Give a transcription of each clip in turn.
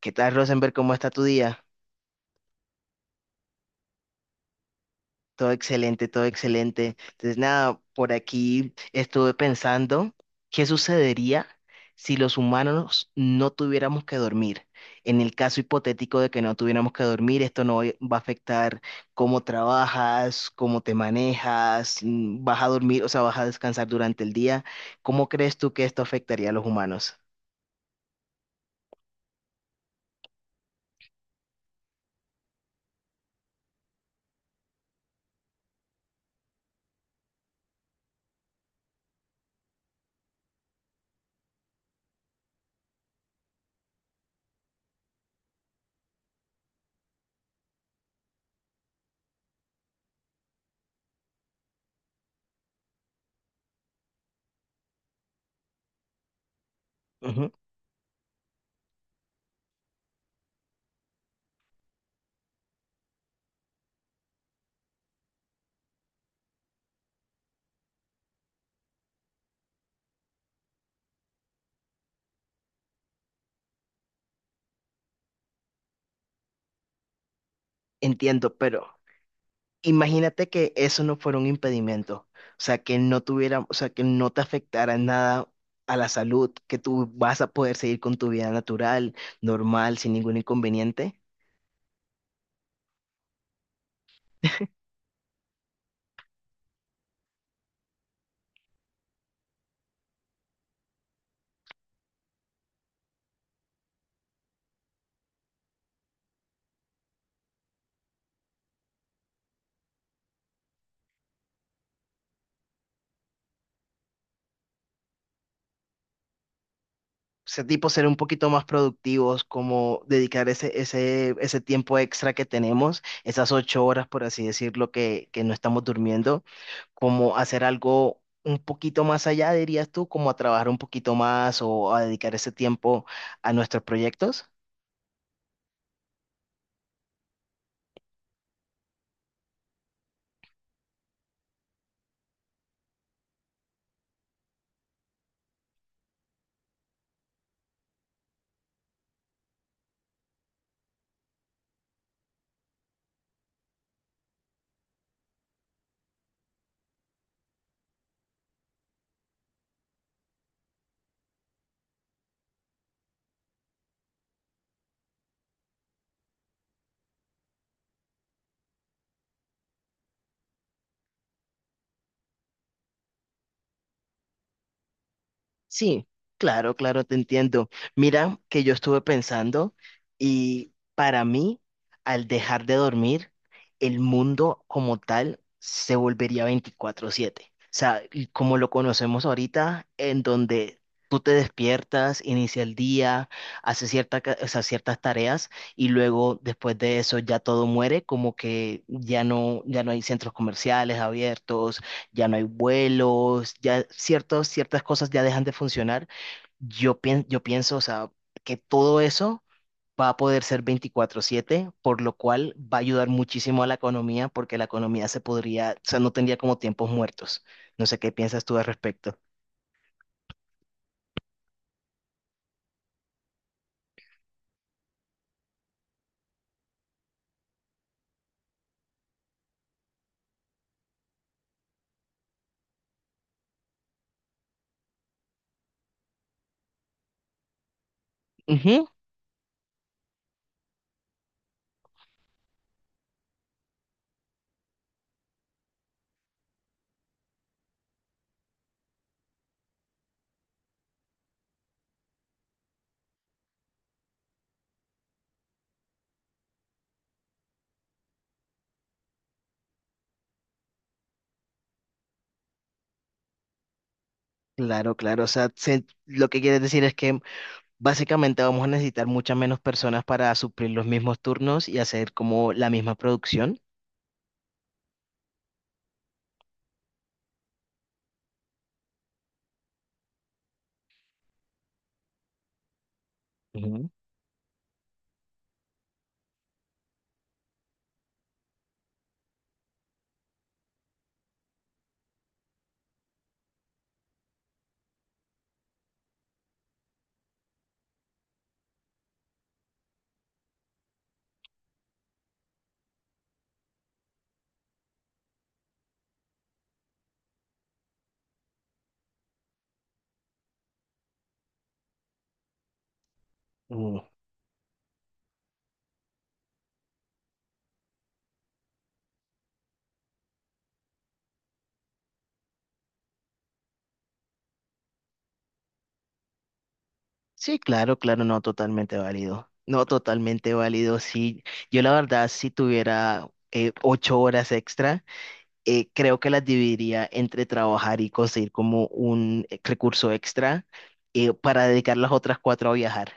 ¿Qué tal, Rosenberg? ¿Cómo está tu día? Todo excelente, todo excelente. Entonces, nada, por aquí estuve pensando qué sucedería si los humanos no tuviéramos que dormir. En el caso hipotético de que no tuviéramos que dormir, esto no va a afectar cómo trabajas, cómo te manejas, vas a dormir, o sea, vas a descansar durante el día. ¿Cómo crees tú que esto afectaría a los humanos? Ujú. Entiendo, pero. Imagínate que eso no fuera un impedimento, o sea, que no tuviera, o sea, que no te afectara en nada a la salud, que tú vas a poder seguir con tu vida natural, normal, sin ningún inconveniente. O sea, tipo ser un poquito más productivos, como dedicar ese tiempo extra que tenemos, esas 8 horas, por así decirlo, que no estamos durmiendo, como hacer algo un poquito más allá, dirías tú, como a trabajar un poquito más o a dedicar ese tiempo a nuestros proyectos. Sí, claro, claro, te entiendo. Mira que yo estuve pensando y para mí, al dejar de dormir, el mundo como tal se volvería 24/7. O sea, y como lo conocemos ahorita, en donde tú te despiertas, inicia el día, haces o sea, ciertas tareas y luego después de eso ya todo muere, como que ya no hay centros comerciales abiertos, ya no hay vuelos, ya ciertas cosas ya dejan de funcionar. Yo pienso, o sea, que todo eso va a poder ser 24/7, por lo cual va a ayudar muchísimo a la economía, porque la economía se podría, o sea, no tendría como tiempos muertos. No sé qué piensas tú al respecto. Ujú. Claro, claro, o sea, lo que quieres decir es que básicamente vamos a necesitar muchas menos personas para suplir los mismos turnos y hacer como la misma producción. Ujú. Sí, claro, claro, no, totalmente válido. No, totalmente válido. Sí, yo la verdad, si tuviera 8 horas extra creo que las dividiría entre trabajar y conseguir como un recurso extra para dedicar las otras cuatro a viajar.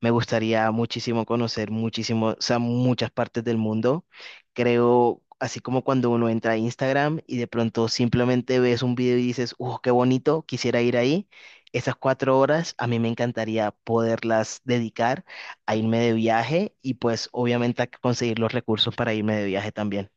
Me gustaría muchísimo conocer muchísimo, o sea, muchas partes del mundo. Creo, así como cuando uno entra a Instagram y de pronto simplemente ves un video y dices, ¡uh, qué bonito! Quisiera ir ahí. Esas 4 horas a mí me encantaría poderlas dedicar a irme de viaje y pues obviamente a conseguir los recursos para irme de viaje también.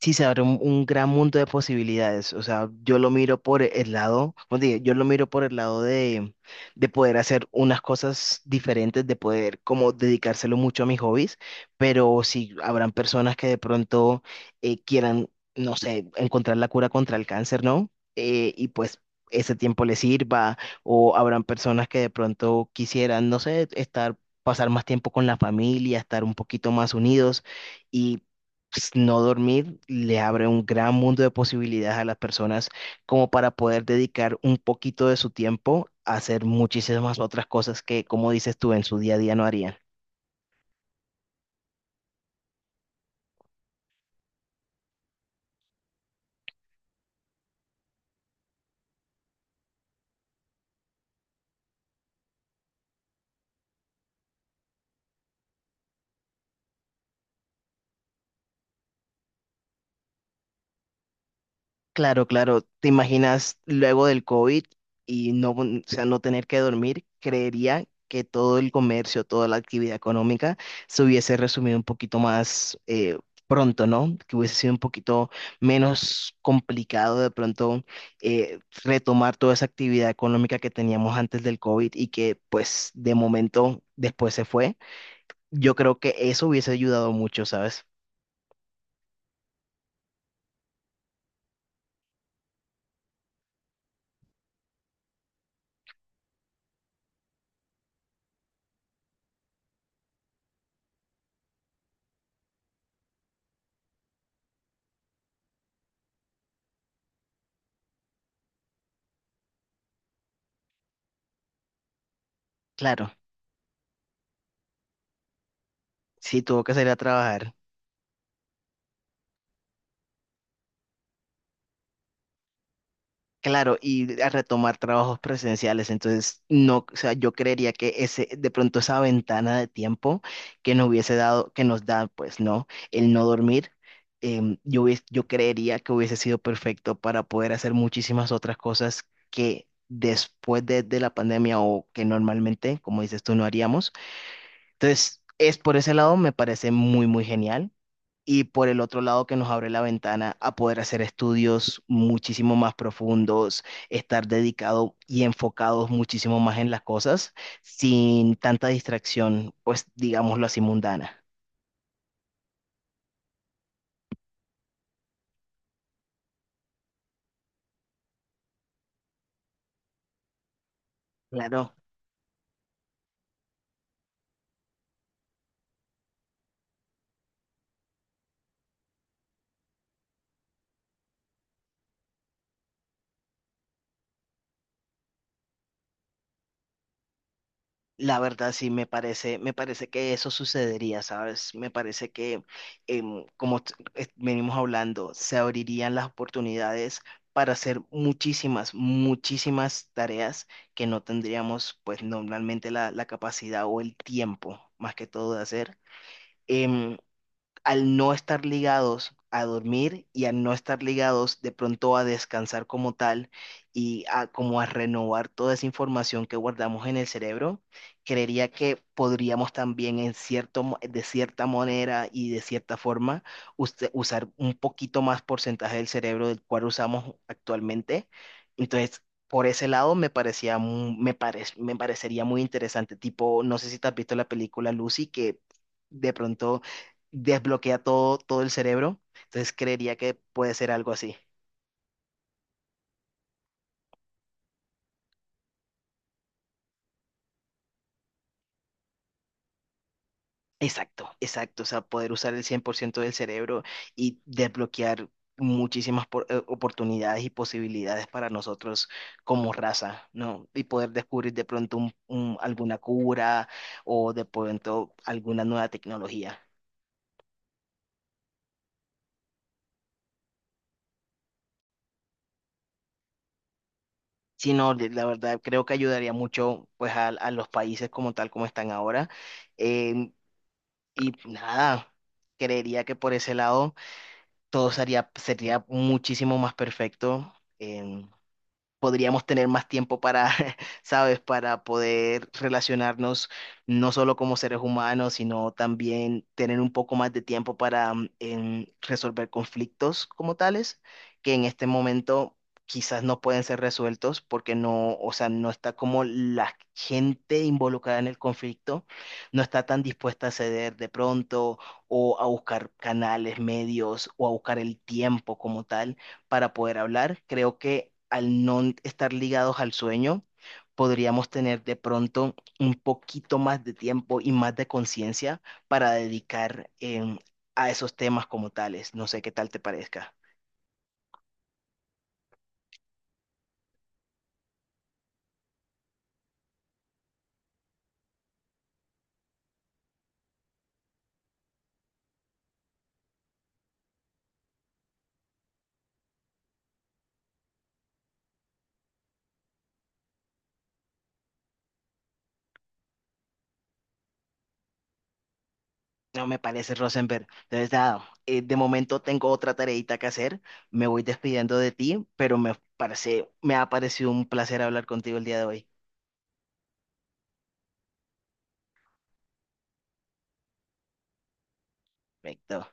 Sí, se abre un gran mundo de posibilidades. O sea, yo lo miro por el lado, como te dije, yo lo miro por el lado de poder hacer unas cosas diferentes, de poder como dedicárselo mucho a mis hobbies, pero si habrán personas que de pronto quieran, no sé, encontrar la cura contra el cáncer, ¿no? Y pues ese tiempo les sirva, o habrán personas que de pronto quisieran, no sé, estar, pasar más tiempo con la familia, estar un poquito más unidos. Y pues, no dormir le abre un gran mundo de posibilidades a las personas como para poder dedicar un poquito de su tiempo a hacer muchísimas otras cosas que, como dices tú, en su día a día no harían. Claro, claro. ¿Te imaginas luego del COVID y no, o sea, no tener que dormir? Creería que todo el comercio, toda la actividad económica se hubiese resumido un poquito más pronto, ¿no? Que hubiese sido un poquito menos complicado de pronto eh, retomar toda esa actividad económica que teníamos antes del COVID y que pues de momento después se fue. Yo creo que eso hubiese ayudado mucho, ¿sabes? Claro, sí, tuvo que salir a trabajar. Claro, y a retomar trabajos presenciales. Entonces, no, o sea, yo creería que de pronto esa ventana de tiempo que nos hubiese dado, que nos da, pues, ¿no? El no dormir, yo creería que hubiese sido perfecto para poder hacer muchísimas otras cosas que después de la pandemia o que normalmente, como dices tú, no haríamos. Entonces, es por ese lado me parece muy, muy genial. Y por el otro lado que nos abre la ventana a poder hacer estudios muchísimo más profundos, estar dedicado y enfocados muchísimo más en las cosas, sin tanta distracción, pues digámoslo así, mundana. Claro. La verdad sí me parece que eso sucedería, ¿sabes? Me parece que, como venimos hablando, se abrirían las oportunidades para hacer muchísimas, muchísimas tareas que no tendríamos, pues, normalmente la capacidad o el tiempo, más que todo, de hacer. Em, al no estar ligados a dormir y al no estar ligados de pronto a descansar como tal y a como a renovar toda esa información que guardamos en el cerebro, creería que podríamos también en de cierta manera y de cierta forma usar un poquito más porcentaje del cerebro del cual usamos actualmente. Entonces, por ese lado me parecía, mu- me parec- me parecería muy interesante. Tipo, no sé si te has visto la película Lucy, que de pronto desbloquea todo, todo el cerebro. Entonces creería que puede ser algo así. Exacto, exacto. O sea, poder usar el 100% del cerebro y desbloquear muchísimas oportunidades y posibilidades para nosotros como raza, ¿no? Y poder descubrir de pronto alguna cura o de pronto alguna nueva tecnología. Sí, no, la verdad creo que ayudaría mucho pues a los países como tal como están ahora. Em, y nada, creería que por ese lado, todo sería, muchísimo más perfecto. em, podríamos tener más tiempo para, ¿sabes? Para poder relacionarnos no solo como seres humanos, sino también tener un poco más de tiempo para resolver conflictos como tales, que en este momento quizás no pueden ser resueltos porque no, o sea, no está como la gente involucrada en el conflicto, no está tan dispuesta a ceder de pronto o a buscar canales, medios o a buscar el tiempo como tal para poder hablar. Creo que al no estar ligados al sueño, podríamos tener de pronto un poquito más de tiempo y más de conciencia para dedicar a esos temas como tales. No sé qué tal te parezca. No me parece, Rosenberg. Entonces, nada, de momento tengo otra tareita que hacer. Me voy despidiendo de ti, pero me ha parecido un placer hablar contigo el día de hoy. Perfecto.